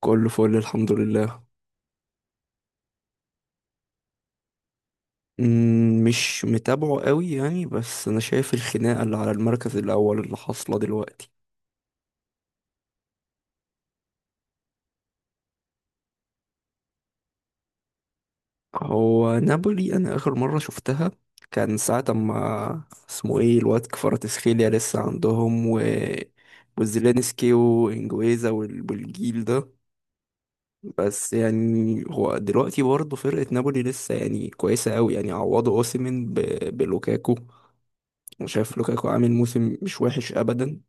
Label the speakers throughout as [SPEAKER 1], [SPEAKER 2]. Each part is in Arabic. [SPEAKER 1] كله فل الحمد لله. مش متابعه قوي يعني، بس انا شايف الخناقة اللي على المركز الاول اللي حاصلة دلوقتي. هو نابولي انا اخر مرة شفتها كان ساعة ما اسمه ايه الواد كفاراتسخيليا لسه عندهم و وزيلينسكي وانجويزا والجيل ده. بس يعني هو دلوقتي برضه فرقة نابولي لسه يعني كويسة قوي، يعني عوضوا اوسيمين بلوكاكو. انا شايف لوكاكو عامل موسم مش وحش ابدا.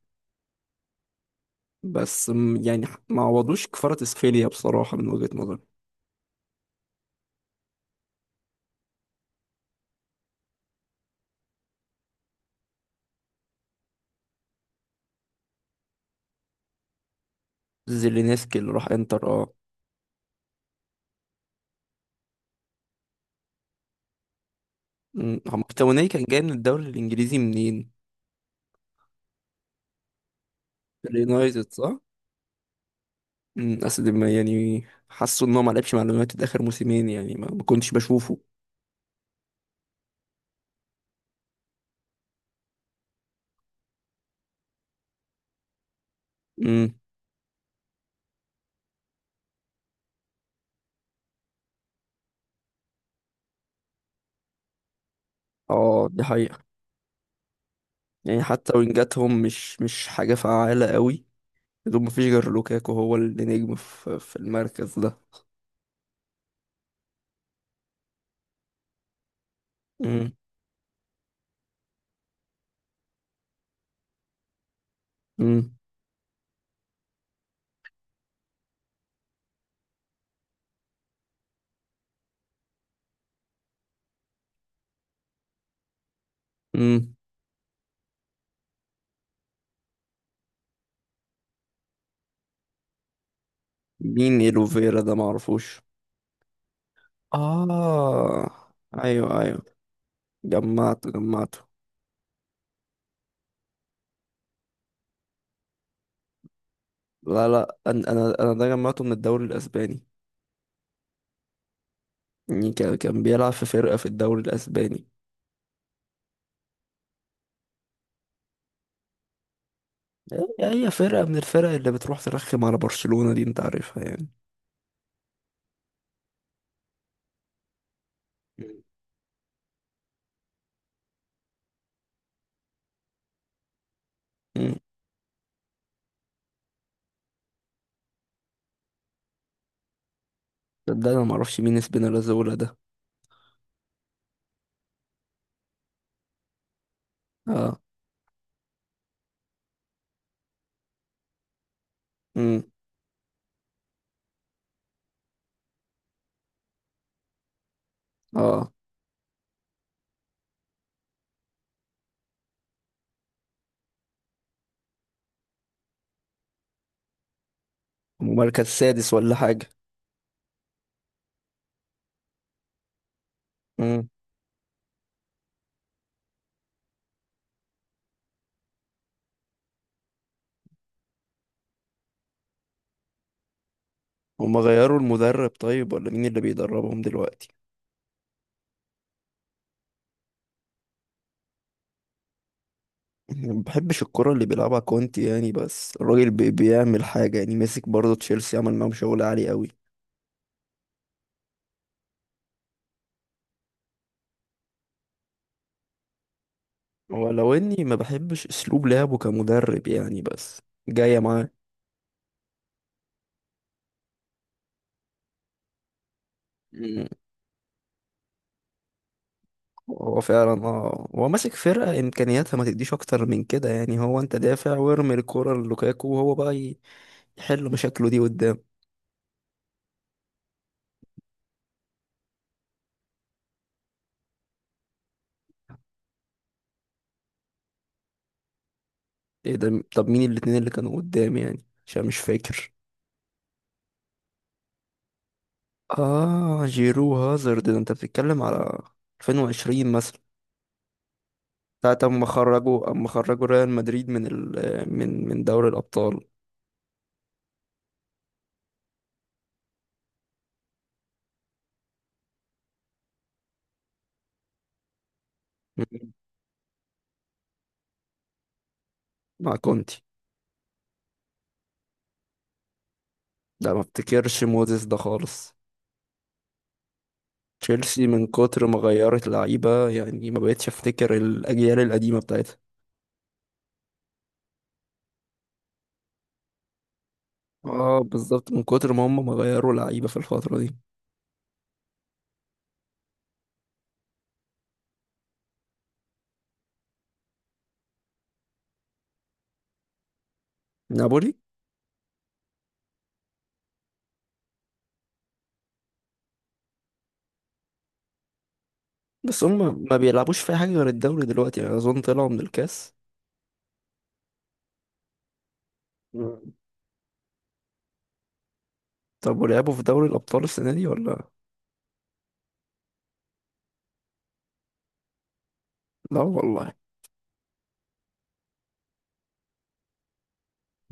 [SPEAKER 1] بس يعني ما عوضوش كفارة اسفيليا بصراحة من وجهة نظري. زيلينسكي اللي راح انتر، اه. هو مكتوني كان جاي من الدوري الانجليزي منين؟ اليونايتد صح؟ اصل ما يعني حاسه ان هو ما لعبش مع اليونايتد اخر موسمين، يعني ما كنتش بشوفه. امم. اه، دي حقيقة. يعني حتى وينجاتهم مش حاجة فعالة قوي. بدون ما فيش غير لوكاكو هو اللي نجم في المركز ده. امم. امم. امم. مين ايلوفيرا ده معرفوش. اه، ايوه، ايوه. جمعته جمعته. لا لا، انا انا أنا ده جمعته من الدوري الاسباني. يعني كان بيلعب في فرقه في الدوري الاسباني. هي فرقه من الفرق اللي بتروح ترخم على برشلونه دي، انت عارفها يعني. امم. ده انا ما اعرفش مين اسبينالازولا ده. اه. امم. اه، هم مركز سادس ولا حاجه. امم. هم غيروا المدرب طيب، ولا مين اللي بيدربهم دلوقتي؟ ما بحبش الكرة اللي بيلعبها كونتي يعني، بس الراجل بيعمل حاجة يعني، ماسك برضه تشيلسي عمل معاهم شغل عالي قوي. ولو اني ما بحبش اسلوب لعبه كمدرب يعني، بس جاية معاه. مم. هو فعلا، اه، هو ماسك فرقة امكانياتها ما تديش اكتر من كده، يعني هو انت دافع وارمي الكرة للوكاكو، وهو بقى يحل مشاكله دي قدام. ايه ده، طب مين الاتنين اللي كانوا قدام يعني عشان مش فاكر. اه، جيرو هازارد ده انت بتتكلم على 2020 مثلا. ساعة أما خرجوا ريال مدريد من ال من من دوري الأبطال. مم. مع كونتي. لا، ما افتكرش موزيس ده خالص. تشيلسي من كتر ما غيرت لعيبة يعني ما بقتش افتكر الأجيال القديمة بتاعتها. اه بالظبط، من كتر ما هم ما غيروا لعيبة في الفترة دي. نابولي. بس هم ما بيلعبوش في حاجة غير الدوري دلوقتي، يعني أظن طلعوا من الكاس. مم. طب ولعبوا في دوري الأبطال السنة دي ولا؟ لا والله.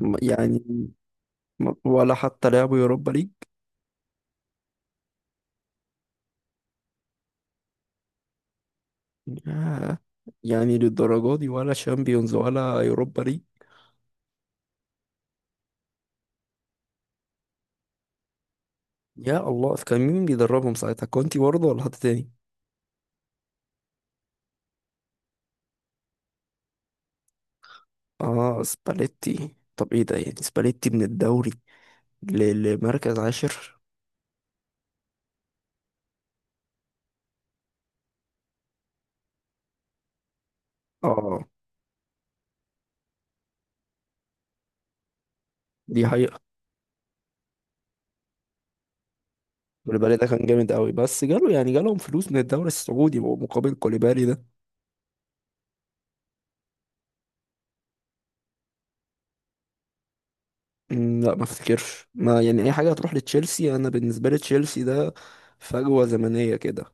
[SPEAKER 1] يعني ولا حتى لعبوا يوروبا ليج. يا يعني للدرجة دي، ولا شامبيونز ولا يوروبا ليج؟ يا الله، في كان مين بيدربهم ساعتها، كونتي برضه ولا حد تاني؟ اه سباليتي، طب ايه ده، يعني سباليتي من الدوري لمركز عاشر. اه دي حقيقة. كوليبالي ده كان جامد قوي، بس جاله يعني جالهم فلوس من الدوري السعودي مقابل كوليبالي ده. لا ما افتكرش ما يعني اي حاجة هتروح لتشيلسي، انا بالنسبة لي تشيلسي ده فجوة زمنية كده.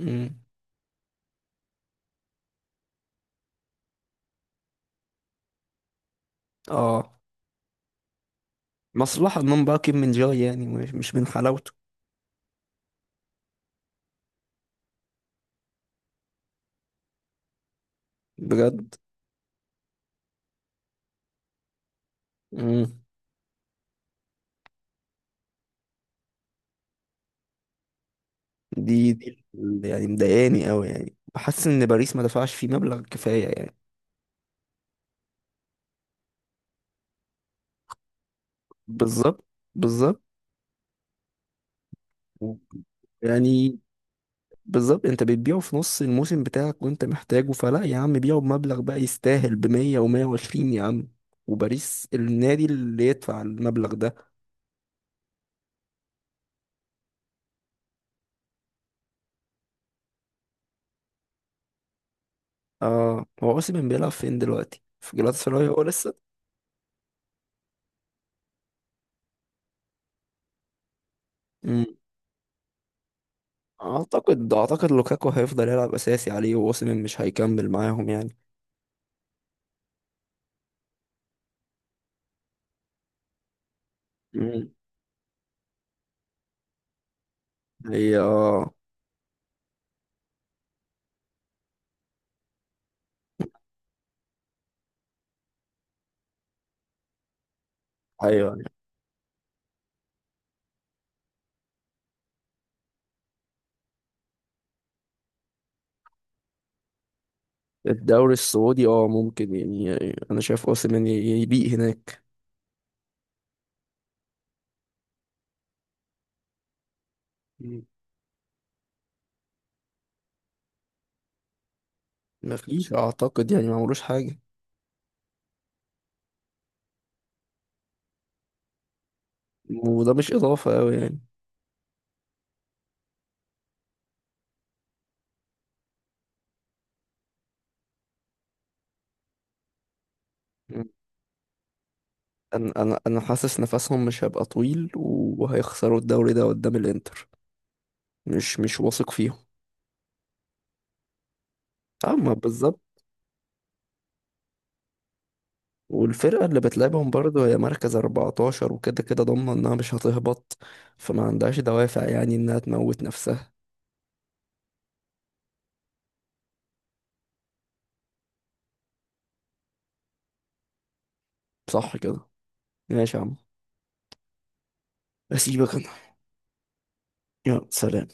[SPEAKER 1] أمم، اه، مصلحة من باق من جاي، يعني مش من حلاوته. بجد. مم. دي اللي يعني مضايقاني قوي، يعني بحس ان باريس ما دفعش فيه مبلغ كفاية يعني. بالظبط. بالظبط يعني. بالظبط، انت بتبيعه في نص الموسم بتاعك وانت محتاجه، فلا يا عم بيعه بمبلغ بقى يستاهل ب 100 و120 يا عم. وباريس النادي اللي يدفع المبلغ ده. اه، هو اوسيمين بيلعب فين دلوقتي؟ في جلاتاسراي هو لسه؟ اعتقد لوكاكو هيفضل يلعب اساسي عليه، ووسيم مش هيكمل معاهم يعني. مم. هي اه. ايوه. الدوري السعودي اه ممكن يعني، انا شايف اوسيمين يبيق هناك. مم. مفيش، اعتقد يعني ما عملوش حاجه. وده مش اضافه قوي يعني. مم. انا حاسس نفسهم مش هيبقى طويل وهيخسروا الدوري ده قدام الانتر. مش واثق فيهم. اما بالظبط. والفرقة اللي بتلعبهم برضه هي مركز 14، وكده كده ضامنة إنها مش هتهبط. فما عندهاش دوافع يعني إنها تموت نفسها. صح كده. ماشي يا عم. أسيبك أنا. يلا سلام.